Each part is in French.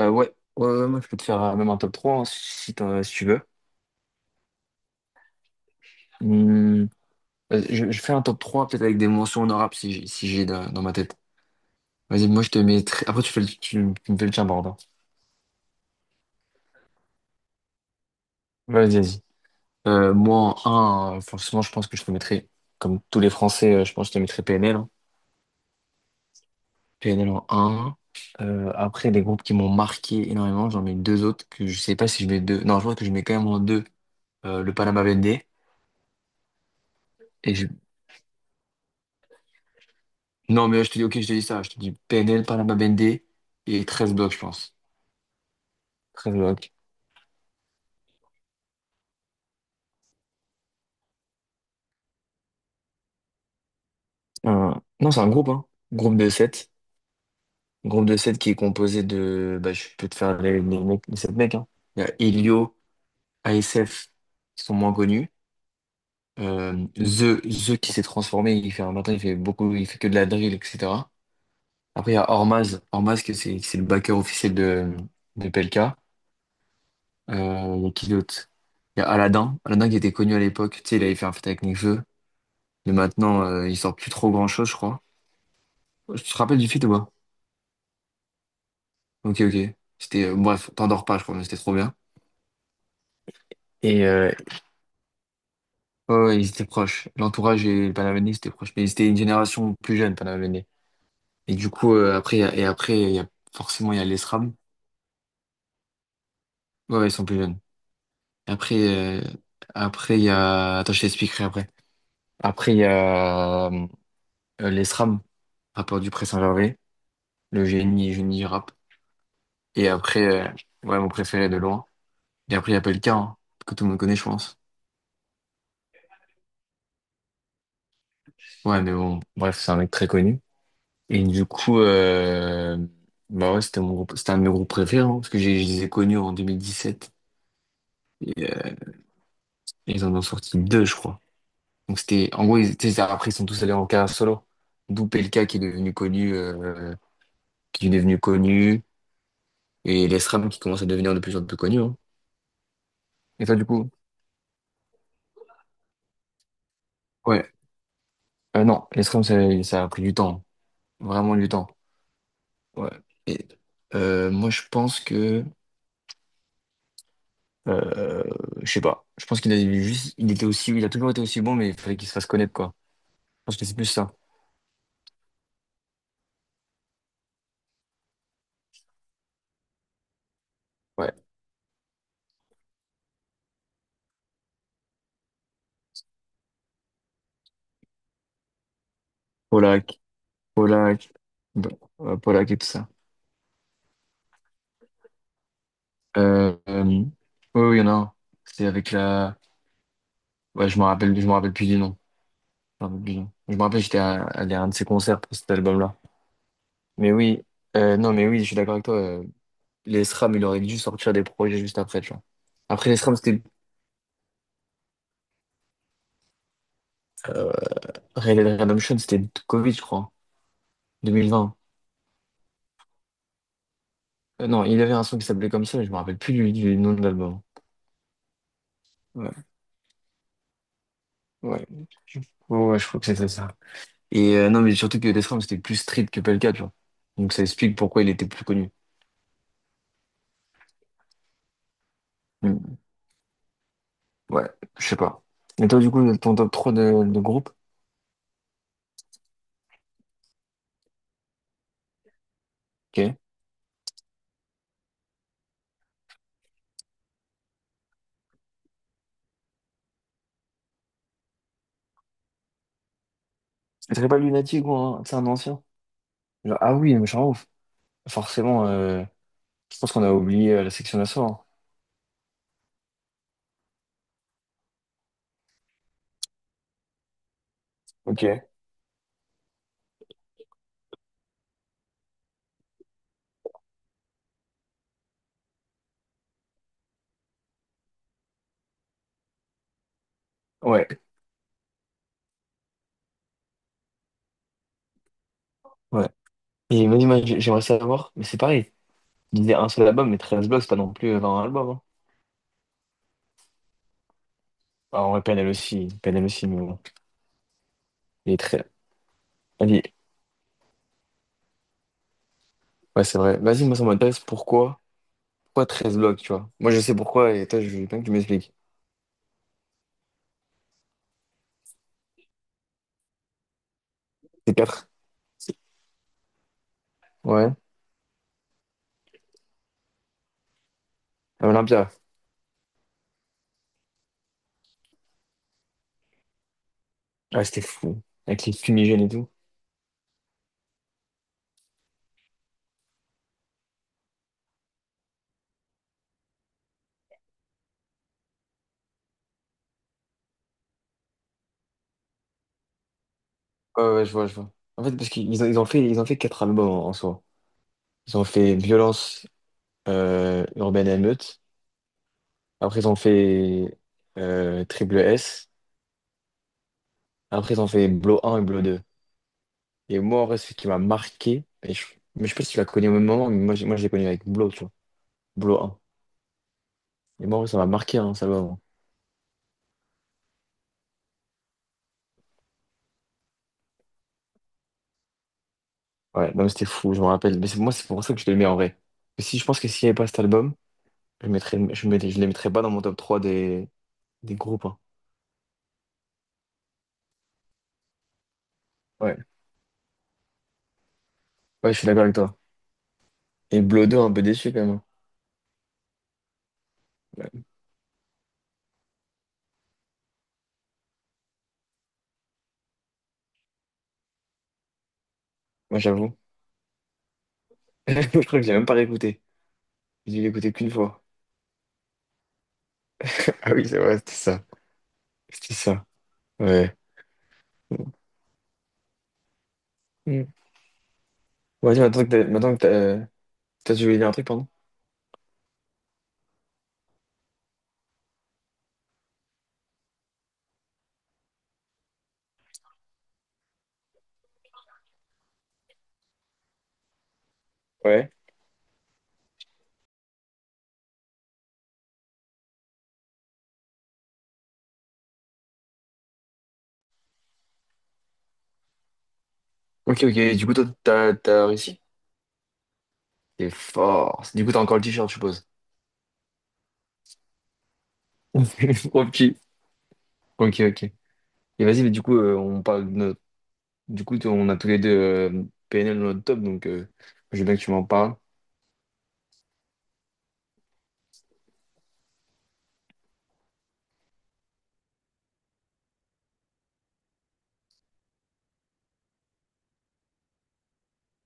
Euh, ouais, ouais, moi je peux te faire même un top 3 hein, si tu veux. Hum, je fais un top 3 peut-être avec des mentions honorables si j'ai dans ma tête. Moi je te mets Après tu fais le, tu me fais le tien par. Vas-y, vas-y. Moi en 1, forcément je pense que je te mettrai, comme tous les Français, je pense que je te mettrai PNL, hein. PNL en 1. Après, des groupes qui m'ont marqué énormément, j'en mets deux autres que je sais pas si je mets deux. Non, je crois que je mets quand même en deux le Panama BND. Non, mais je te dis, ok, je te dis ça. Je te dis PNL, Panama BND et treize blocs, je pense. Treize blocs. Non, c'est un groupe, hein. Groupe de sept. Groupe de 7 qui est composé de. Bah, je peux te faire les mecs, les 7 mecs. Hein. Il y a Elio, ASF, qui sont moins connus. The qui s'est transformé, il fait un matin, il fait beaucoup, il fait que de la drill, etc. Après, il y a Ormaz. Ormaz, que c'est le backer officiel de PLK. Il y a qui d'autre? Il y a Aladdin. Aladdin qui était connu à l'époque. Tu sais, il avait fait un feat avec Nekfeu. Mais maintenant, il sort plus trop grand-chose, je crois. Tu te rappelles du feat ou pas? Ok, ok. Bref, t'endors pas, je crois, mais c'était trop bien. Et euh, Ouais, ouais, ils étaient proches. L'entourage et le Panaveni, c'était proche. Mais c'était une génération plus jeune, Panaveni. Et du coup, après, il y a- et après, il y a, forcément, il y a les SRAM. Ouais, ouais, ils sont plus jeunes. Et Après, euh, après, il y a, attends, je t'expliquerai après. Après, il y a, les SRAM, rappeur du Pré Saint-Gervais, le génie, génie du rap. Et après, euh, ouais, mon préféré de loin. Et après, il y a Pelka, hein, que tout le monde connaît, je pense. Ouais, mais bon, bref, c'est un mec très connu. Et du coup, bah ouais, c'était un de mes groupes préférés, hein, parce que je les ai connus en 2017. Et, ils en ont sorti deux, je crois. Donc c'était, en gros, ils, tu sais, après, ils sont tous allés en carrière solo. D'où Pelka qui est devenu connu, qui est devenu connu, et l'ESRAM qui commence à devenir de plus en plus connu, hein. Et toi, du coup? Ouais. Non, l'ESRAM ça a pris du temps. Vraiment du temps. Ouais. Et, moi, je pense que Euh, je sais pas. Je pense qu'il a juste, il était aussi, il a toujours été aussi bon, mais il fallait qu'il se fasse connaître, quoi. Je pense que c'est plus ça. Ouais. Polak, Polak, bah, Polak et tout ça. Oui, oui, il y en a un. C'est avec la. Ouais, je me rappelle plus du nom. Je me rappelle plus du nom. Je me rappelle, allé à un de ses concerts pour cet album-là. Mais oui, non, mais oui, je suis d'accord avec toi. Les SRAM, il aurait dû sortir des projets juste après, tu vois. Après les SRAM, c'était euh, Red Dead Redemption, c'était Covid, je crois, 2020. Non, il avait un son qui s'appelait comme ça, mais je me rappelle plus du nom de l'album. Ouais, ouais. Je- ouais, je crois que c'était ça. Et non, mais surtout que Death Ram, c'était plus street que Pelka, tu vois. Donc ça explique pourquoi il était plus connu. Hmm, Ouais, je sais pas. Et toi, du coup, ton top 3 de groupe, ok. Ce serait pas Lunatic ou un, c'est un ancien? Genre, ah oui, mais je suis en ouf. Forcément, je pense qu'on a oublié la section d'assaut, hein. Ok. Ouais, ouais. Et vas moi, j'aimerais savoir, mais c'est pareil. Il disait un seul album, mais 13 blocs, c'est pas non plus 20 albums, hein. Ah, en vrai, PNL aussi, PNL aussi, mais bon. Il est très. Vas-y. Ouais, c'est vrai. Vas-y, moi, ça m'intéresse. Pourquoi? Pourquoi treize blocs, tu vois? Moi, je sais pourquoi, et toi, je veux bien que tu m'expliques. C'est quatre. Ouais. À Olympia. Ah, c'était fou. Avec les fumigènes et tout. Ouais, ouais, je vois, je vois. En fait, parce qu'ils ont, ils ont fait 4 albums en, en soi. Ils ont fait Violence, Urbaine Émeute. Après, ils ont fait Triple S. Après, ils ont fait Blow un et Blow deux. Et moi, en vrai, ce qui m'a marqué, et je, mais je sais pas si tu l'as connu au même moment, moi, je l'ai connu avec Blow, Blow 1. Et moi, en vrai, ça m'a marqué, hein, cet album. Ouais, non, mais c'était fou, je me rappelle. Moi, c'est pour ça que je le mets en vrai. Et si je pense que s'il n'y avait pas cet album, je les mettrais pas dans mon top 3 des groupes, hein. Ouais, ouais, je suis d'accord avec toi. Et Blow 2, un peu déçu quand même, hein. Ouais, moi, j'avoue. Je crois que j'ai même pas réécouté. J'ai dû l'écouter qu'une fois. Ah oui, c'est vrai, c'était ça. C'était ça. Ouais. Mm. Vas-y, maintenant que t'as, tu voulais dire un truc, pardon? Ouais. Ok, ok, du coup, toi, t'as réussi? T'es fort. Du coup, t'as encore le t-shirt, je suppose. Trop petit. Ok, ok. Et vas-y, mais du coup, on parle de notre. Du coup, on a tous les deux PNL dans notre top, donc je veux bien que tu m'en parles.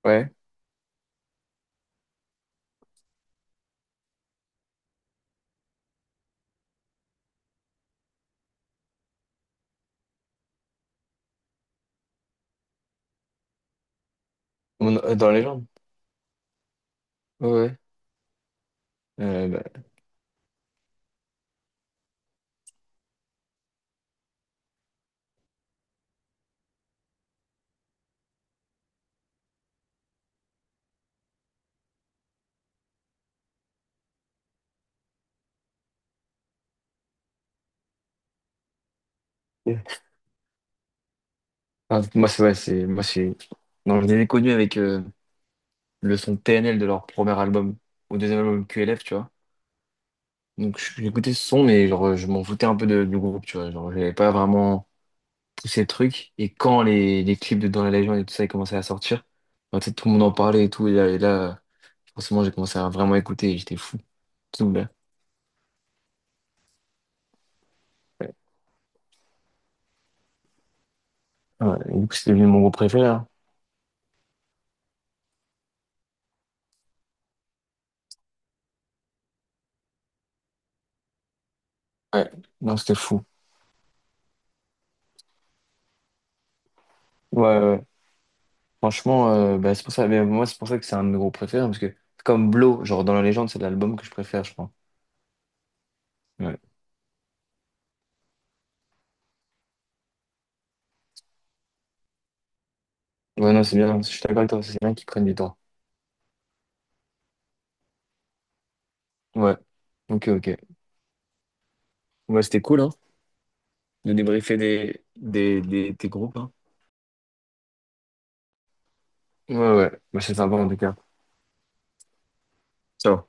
Ouais. Dans la légende? Ouais, ouais. Euh, bah, Yeah. Enfin, moi, c'est. Ouais, c'est. Moi, c'est. Non, je les ai connus avec le son PNL de leur premier album, au deuxième album QLF, tu vois. Donc, j'écoutais ce son, mais genre, je m'en foutais un peu du groupe, tu vois. Genre, j'avais pas vraiment poussé le truc. Et quand les clips de Dans la légende et tout ça, ils commençaient à sortir, bah, tu sais, tout le monde en parlait et tout. En ce moment, j'ai commencé à vraiment écouter, j'étais fou. Tout bas. Ouais. Ouais, et du coup, c'est devenu mon groupe préféré, hein. Ouais, non, c'était fou. Ouais, ouais, ouais. Franchement, bah, c'est pour ça. Mais moi, c'est pour ça que c'est un de mes groupes préférés, hein, parce que, comme Blow, genre dans la légende, c'est l'album que je préfère, je crois. Ouais. Ouais, non, c'est bien, hein. Je suis d'accord avec toi. C'est bien qu'ils prennent du temps. Ouais. Ok, ok. Ouais, c'était cool, hein, de débriefer tes groupes, hein. Ouais, ouais. Bah, c'est sympa, en tout cas. Ciao.